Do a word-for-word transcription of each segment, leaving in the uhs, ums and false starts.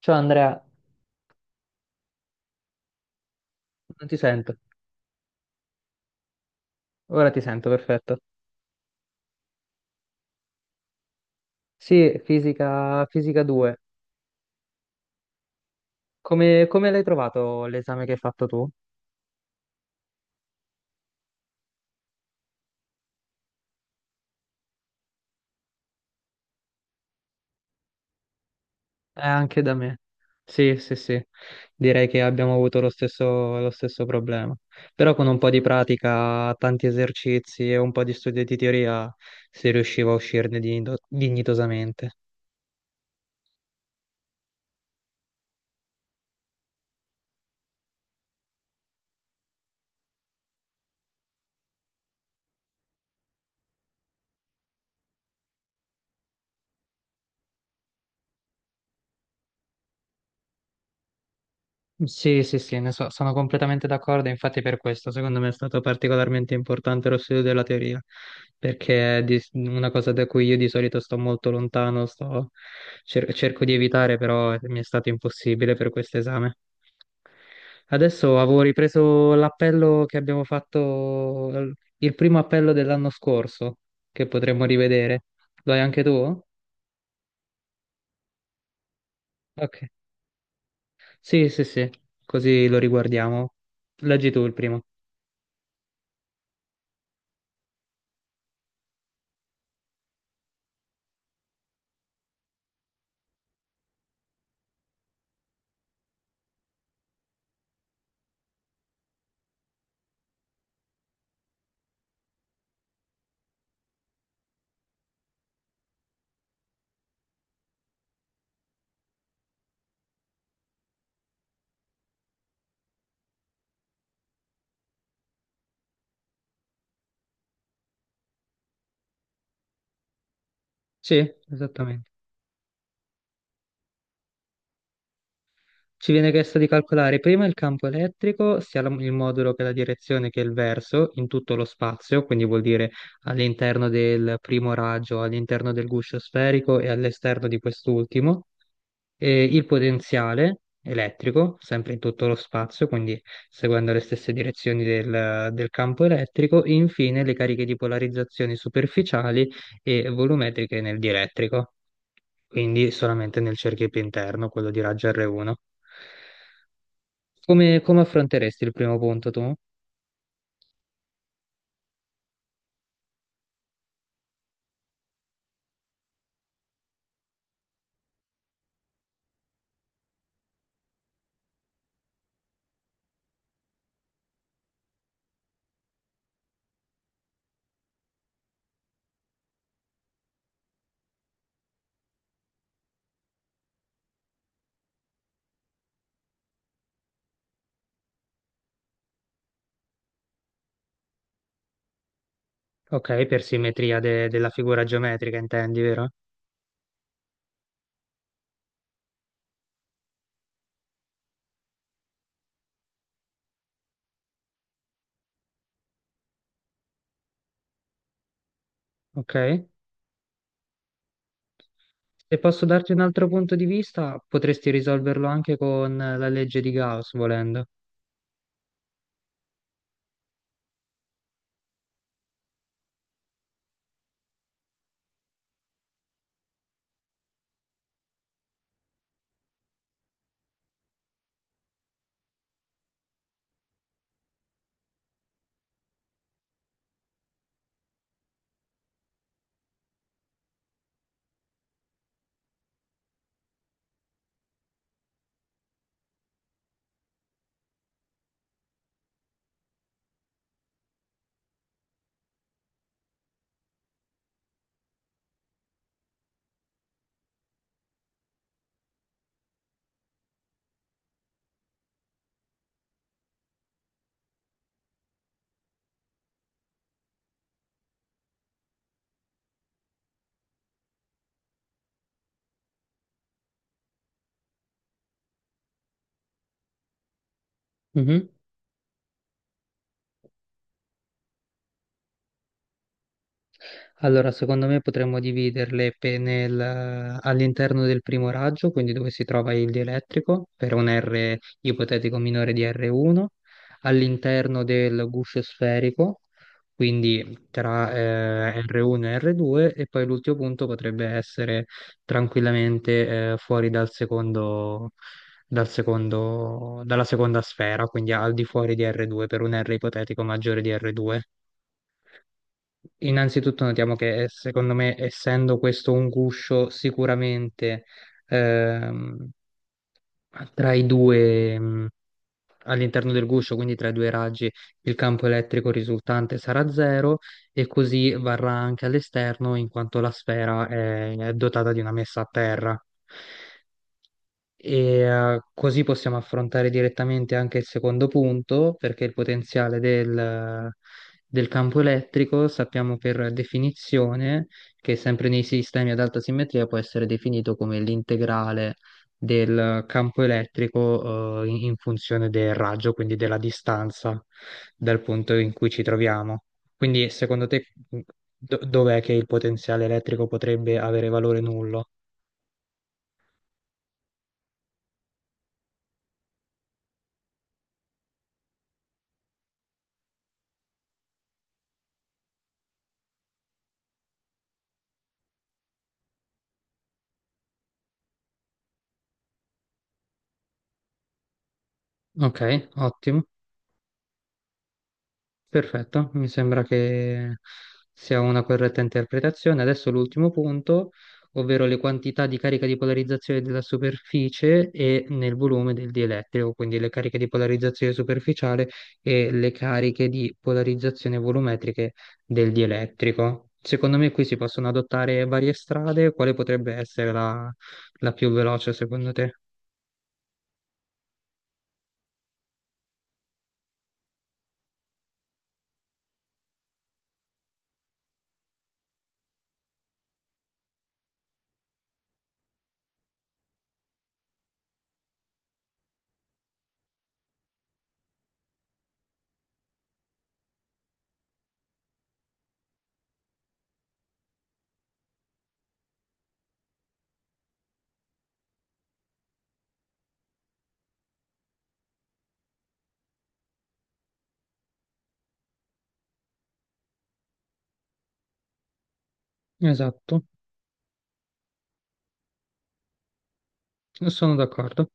Ciao Andrea, non ti sento. Ora ti sento, perfetto. Sì, fisica, fisica due. Come, come l'hai trovato l'esame che hai fatto tu? Eh, anche da me. Sì, sì, sì. Direi che abbiamo avuto lo stesso, lo stesso problema. Però con un po' di pratica, tanti esercizi e un po' di studio di teoria si riusciva a uscirne digno- dignitosamente. Sì, sì, sì, ne so- sono completamente d'accordo, infatti per questo secondo me è stato particolarmente importante lo studio della teoria, perché è di- una cosa da cui io di solito sto molto lontano, sto- cer- cerco di evitare, però mi è stato impossibile per questo esame. Adesso avevo ripreso l'appello che abbiamo fatto, l- il primo appello dell'anno scorso, che potremmo rivedere. Lo hai anche tu? Ok. Sì, sì, sì, così lo riguardiamo. Leggi tu il primo. Sì, esattamente. Ci viene chiesto di calcolare prima il campo elettrico, sia la- il modulo che la direzione che il verso, in tutto lo spazio, quindi vuol dire all'interno del primo raggio, all'interno del guscio sferico e all'esterno di quest'ultimo, e il potenziale elettrico, sempre in tutto lo spazio, quindi seguendo le stesse direzioni del, del campo elettrico, e infine le cariche di polarizzazione superficiali e volumetriche nel dielettrico, quindi solamente nel cerchio più interno, quello di raggio R uno. Come, come affronteresti il primo punto tu? Ok, per simmetria de- della figura geometrica intendi, vero? Ok. Se posso darti un altro punto di vista, potresti risolverlo anche con la legge di Gauss, volendo. Mhm. Allora, secondo me potremmo dividerle pe- nel- all'interno del primo raggio, quindi dove si trova il dielettrico, per un R ipotetico minore di R uno, all'interno del guscio sferico, quindi tra eh, R uno e R due, e poi l'ultimo punto potrebbe essere tranquillamente eh, fuori dal secondo, dal secondo- dalla seconda sfera, quindi al di fuori di R due, per un R ipotetico maggiore di R due. Innanzitutto notiamo che eh, secondo me, essendo questo un guscio, sicuramente ehm, tra i due, mh, all'interno del guscio, quindi tra i due raggi, il campo elettrico risultante sarà zero e così varrà anche all'esterno, in quanto la sfera è, è dotata di una messa a terra. E eh, così possiamo affrontare direttamente anche il secondo punto, perché il potenziale del, del campo elettrico sappiamo per definizione che sempre nei sistemi ad alta simmetria può essere definito come l'integrale del campo elettrico, eh, in in funzione del raggio, quindi della distanza dal punto in cui ci troviamo. Quindi, secondo te, mm, do- dov'è che il potenziale elettrico potrebbe avere valore nullo? Ok, ottimo. Perfetto, mi sembra che sia una corretta interpretazione. Adesso l'ultimo punto, ovvero le quantità di carica di polarizzazione della superficie e nel volume del dielettrico, quindi le cariche di polarizzazione superficiale e le cariche di polarizzazione volumetriche del dielettrico. Secondo me qui si possono adottare varie strade, quale potrebbe essere la, la più veloce secondo te? Esatto, sono d'accordo.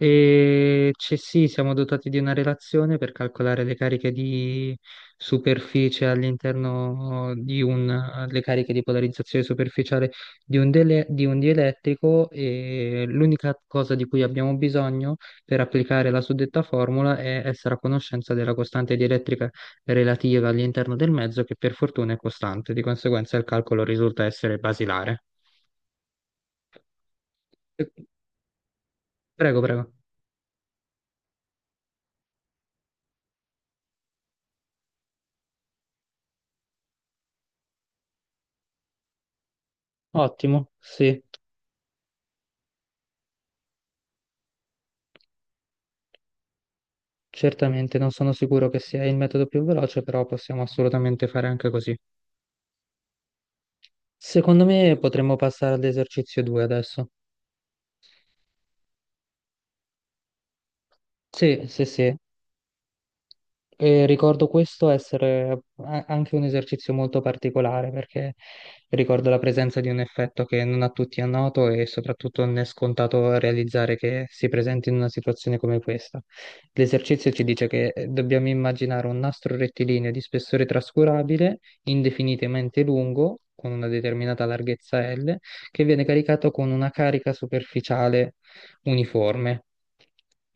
E c'è sì, siamo dotati di una relazione per calcolare le cariche di superficie all'interno di un, le cariche di polarizzazione superficiale di un, dele- di un dielettrico e l'unica cosa di cui abbiamo bisogno per applicare la suddetta formula è essere a conoscenza della costante dielettrica relativa all'interno del mezzo che per fortuna è costante, di conseguenza il calcolo risulta essere basilare. Prego, prego. Ottimo, sì. Certamente, non sono sicuro che sia il metodo più veloce, però possiamo assolutamente fare anche così. Secondo me potremmo passare all'esercizio due adesso. Sì, sì, sì. E ricordo questo essere a- anche un esercizio molto particolare perché ricordo la presenza di un effetto che non a tutti è noto e soprattutto non è scontato realizzare che si presenti in una situazione come questa. L'esercizio ci dice che eh, dobbiamo immaginare un nastro rettilineo di spessore trascurabile, indefinitamente lungo, con una determinata larghezza L, che viene caricato con una carica superficiale uniforme.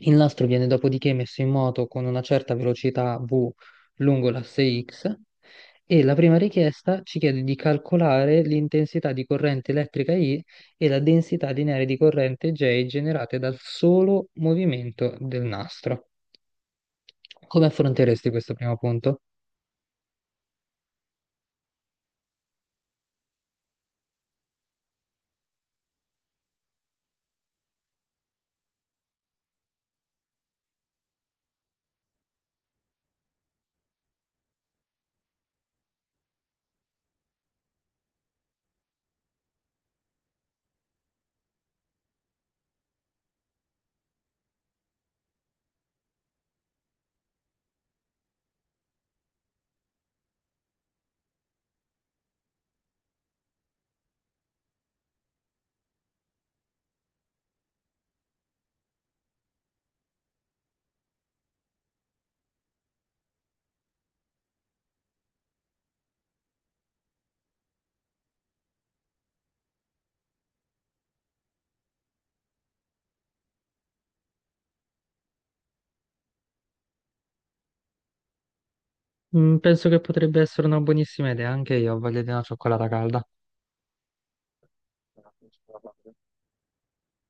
Il nastro viene dopodiché messo in moto con una certa velocità v lungo l'asse x e la prima richiesta ci chiede di calcolare l'intensità di corrente elettrica I e la densità lineare di corrente J generate dal solo movimento del nastro. Come affronteresti questo primo punto? Mm, penso che potrebbe essere una buonissima idea, anche io ho voglia di una cioccolata calda.